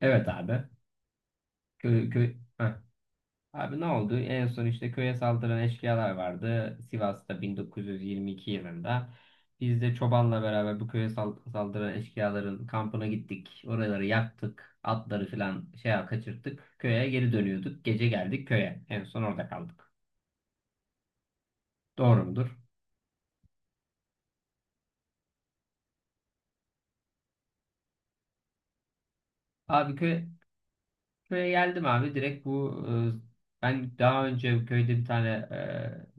Evet abi. Köy, köy. Heh. Abi ne oldu? En son işte köye saldıran eşkıyalar vardı. Sivas'ta 1922 yılında. Biz de çobanla beraber bu köye saldıran eşkıyaların kampına gittik. Oraları yaktık. Atları falan şey kaçırttık. Köye geri dönüyorduk. Gece geldik köye. En son orada kaldık. Doğru mudur? Abi köy, Köye geldim abi direkt ben daha önce köyde bir tane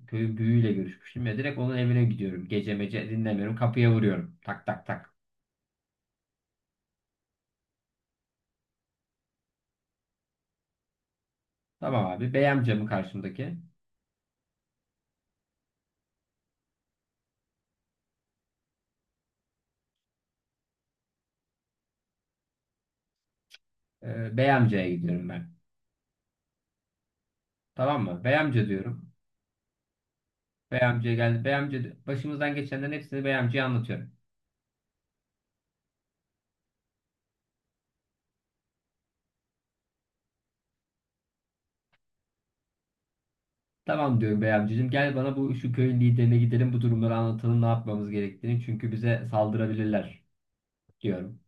köyün büyüğüyle görüşmüştüm ya, direkt onun evine gidiyorum. Gece mece dinlemiyorum, kapıya vuruyorum, tak tak tak. Tamam abi, bey amca mı karşımdaki? Bey amcaya gidiyorum ben. Tamam mı? Bey amca diyorum. Bey amcaya geldi. Bey amca başımızdan geçenlerin hepsini bey amcaya anlatıyorum. Tamam diyorum, bey amcacığım gel bana, şu köyün liderine gidelim, bu durumları anlatalım, ne yapmamız gerektiğini, çünkü bize saldırabilirler diyorum.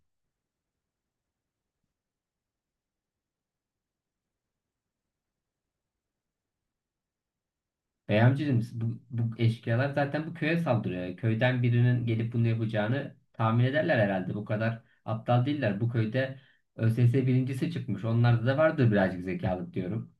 Bey amcacığım bu eşkıyalar zaten bu köye saldırıyor. Köyden birinin gelip bunu yapacağını tahmin ederler herhalde. Bu kadar aptal değiller. Bu köyde ÖSS birincisi çıkmış. Onlarda da vardır birazcık zekalık diyorum.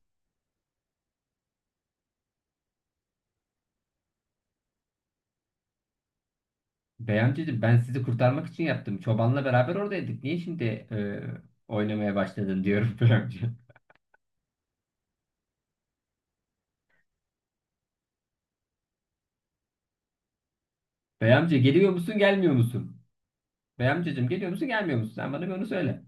Bey amcacığım, ben sizi kurtarmak için yaptım. Çobanla beraber oradaydık. Niye şimdi e, oynamaya başladın diyorum bey amca. Bey amca, geliyor musun gelmiyor musun? Bey amcacığım, geliyor musun gelmiyor musun? Sen bana bir onu söyle.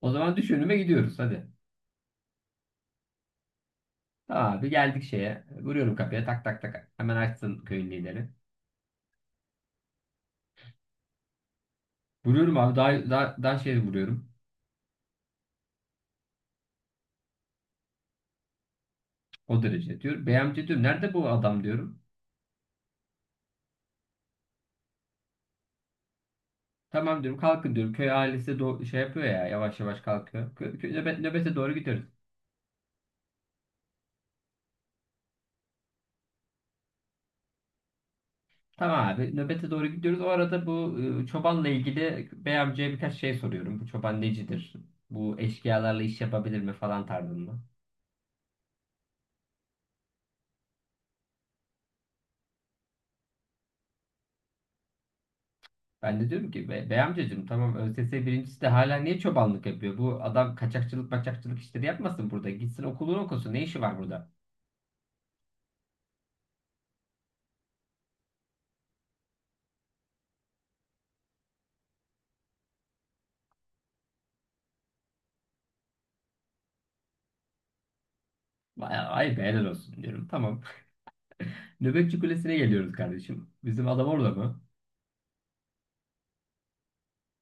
O zaman düş önüme, gidiyoruz hadi. Tamam abi, geldik şeye. Vuruyorum kapıya, tak tak tak. Hemen açsın köyün lideri. Vuruyorum abi, daha, daha, daha şey vuruyorum. O derece diyor. Bey amca diyor, nerede bu adam diyorum. Tamam diyorum, kalkın diyorum. Köy ailesi de şey yapıyor ya, yavaş yavaş kalkıyor. Nöbete doğru gidiyoruz. Tamam abi, nöbete doğru gidiyoruz. O arada çobanla ilgili bey amcaya birkaç şey soruyorum. Bu çoban necidir? Bu eşkıyalarla iş yapabilir mi falan tarzında. Ben de diyorum ki, Bey amcacığım, tamam ÖSS birincisi de hala niye çobanlık yapıyor? Bu adam kaçakçılık maçakçılık işleri yapmasın burada. Gitsin okulunu okusun. Ne işi var burada?" Bayağı, ay be helal olsun diyorum. Tamam. Nöbetçi Kulesi'ne geliyoruz kardeşim. Bizim adam orada mı?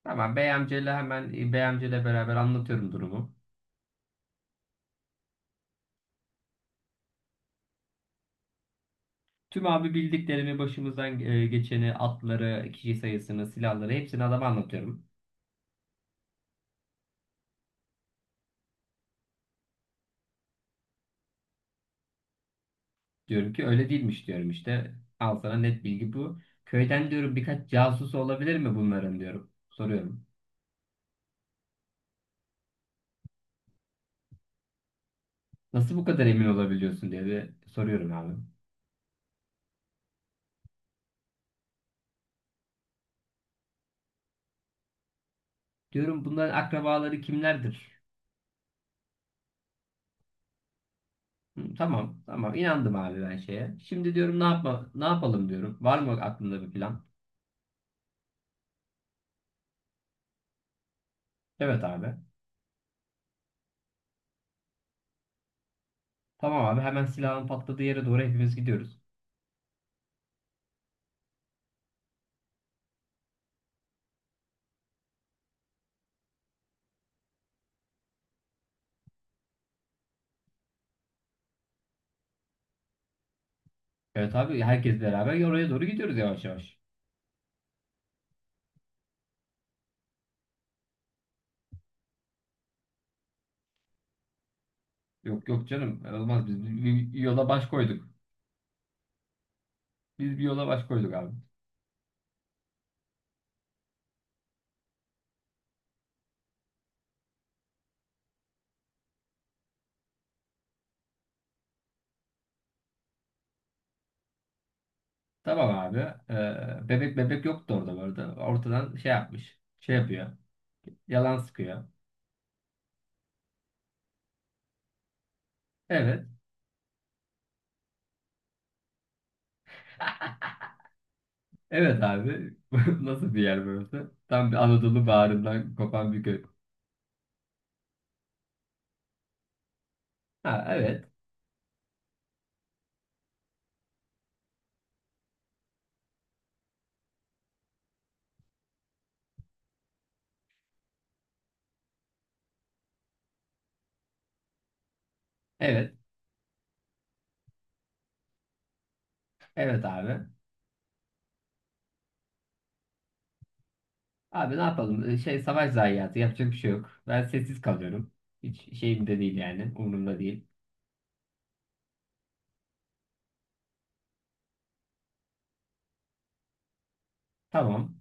Tamam, Bey amcayla beraber anlatıyorum durumu. Tüm abi bildiklerimi, başımızdan geçeni, atları, kişi sayısını, silahları, hepsini adama anlatıyorum. Diyorum ki öyle değilmiş diyorum işte. Al sana net bilgi bu. Köyden diyorum birkaç casusu olabilir mi bunların diyorum. Soruyorum. Nasıl bu kadar emin olabiliyorsun diye de soruyorum abi. Diyorum bunların akrabaları kimlerdir? Hı. Tamam, tamam. İnandım abi ben şeye. Şimdi diyorum ne yapalım diyorum. Var mı aklında bir plan? Evet abi. Tamam abi, hemen silahın patladığı yere doğru hepimiz gidiyoruz. Evet abi, herkes beraber oraya doğru gidiyoruz yavaş yavaş. Yok yok canım, olmaz, biz bir yola baş koyduk. Biz bir yola baş koyduk abi. Tamam abi. Bebek bebek yoktu orada bu arada. Ortadan şey yapmış. Şey yapıyor. Yalan sıkıyor. Evet. Evet abi. Nasıl bir yer burası? Tam bir Anadolu bağrından kopan bir köy. Ha evet. Evet. Evet abi. Abi ne yapalım? Şey, savaş zayiatı, yapacak bir şey yok. Ben sessiz kalıyorum. Hiç şeyimde değil yani. Umurumda değil. Tamam.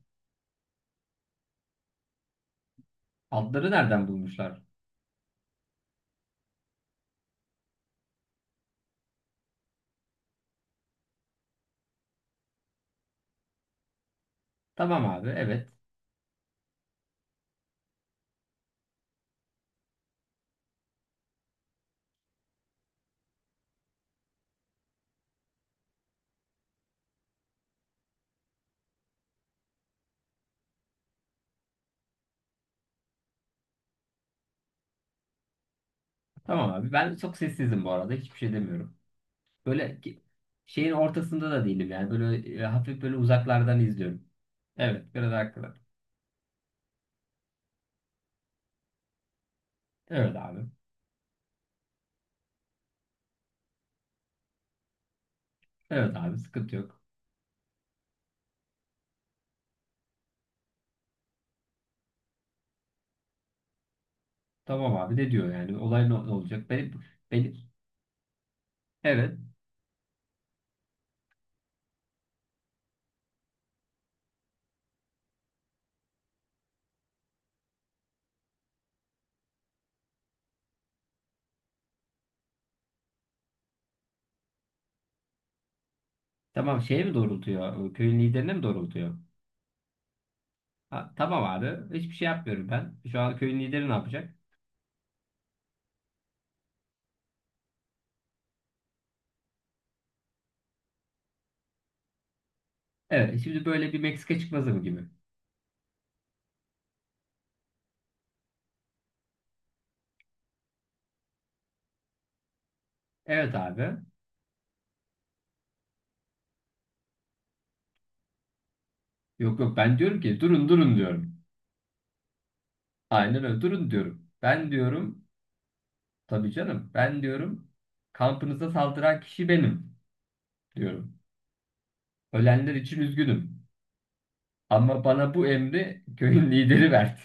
Adları nereden bulmuşlar? Tamam abi. Evet. Tamam abi. Ben çok sessizim bu arada. Hiçbir şey demiyorum. Böyle ki- Şeyin ortasında da değilim yani. Böyle hafif böyle uzaklardan izliyorum. Evet. Biraz haklılar. Evet abi. Evet abi. Sıkıntı yok. Tamam abi. Ne diyor yani? Olay ne, ne olacak? Benim, benim. Evet. Tamam. Şeye mi doğrultuyor? Köyün liderine mi doğrultuyor? Ha, tamam abi. Hiçbir şey yapmıyorum ben. Şu an köyün lideri ne yapacak? Evet. Şimdi böyle bir Meksika çıkmazı mı gibi? Evet abi. Yok yok, ben diyorum ki durun durun diyorum. Aynen öyle, durun diyorum. Ben diyorum Tabii canım, ben diyorum kampınıza saldıran kişi benim diyorum. Ölenler için üzgünüm. Ama bana bu emri köyün lideri verdi.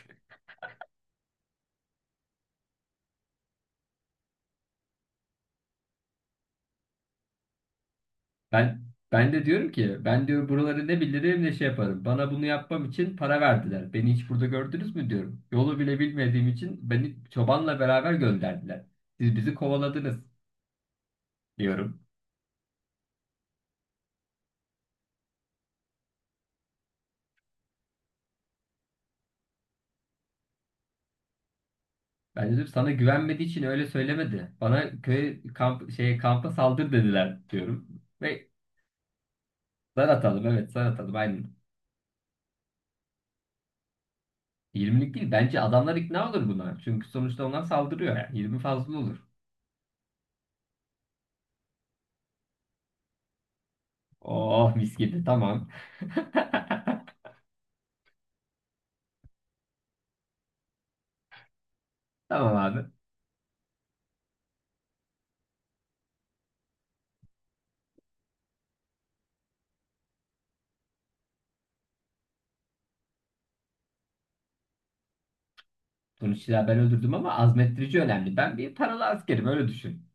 Ben ben de diyorum ki, ben diyor buraları ne bilirim ne şey yaparım. Bana bunu yapmam için para verdiler. Beni hiç burada gördünüz mü diyorum. Yolu bile bilmediğim için beni çobanla beraber gönderdiler. Siz bizi kovaladınız diyorum. Ben dedim, sana güvenmediği için öyle söylemedi. Bana köy kamp şey kampa saldır dediler diyorum. Ve zar atalım, evet zar atalım aynen. 20'lik değil bence, adamlar ikna olur buna. Çünkü sonuçta onlar saldırıyor, yani 20 fazla olur. Oh mis gibi, tamam. Tamam abi. Sonuçta ben öldürdüm ama azmettirici önemli. Ben bir paralı askerim, öyle düşün.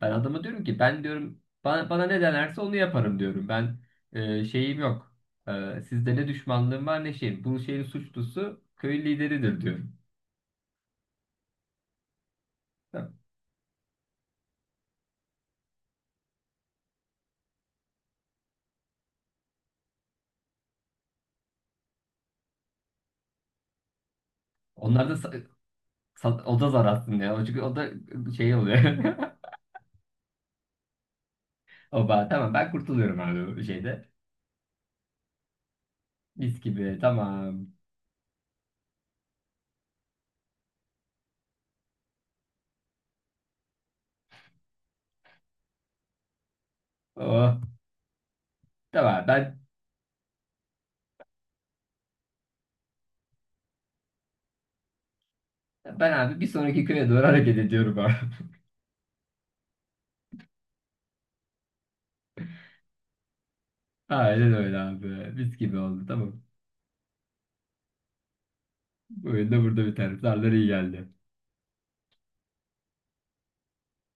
Ben adama diyorum ki, ben diyorum bana ne denerse onu yaparım diyorum. Ben şeyim yok. Sizde ne düşmanlığım var ne şeyim. Bu şeyin suçlusu köyün lideridir diyorum. Tamam. Onlar da o da zar aslında ya. Çünkü o da şey oluyor. Oba tamam, ben kurtuluyorum abi bu şeyde. Mis gibi, tamam. Oh, tamam, ben abi bir sonraki köye doğru hareket ediyorum abi. Aynen öyle abi. Mis gibi oldu, tamam. Bu oyunda burada biter. Darlar iyi geldi.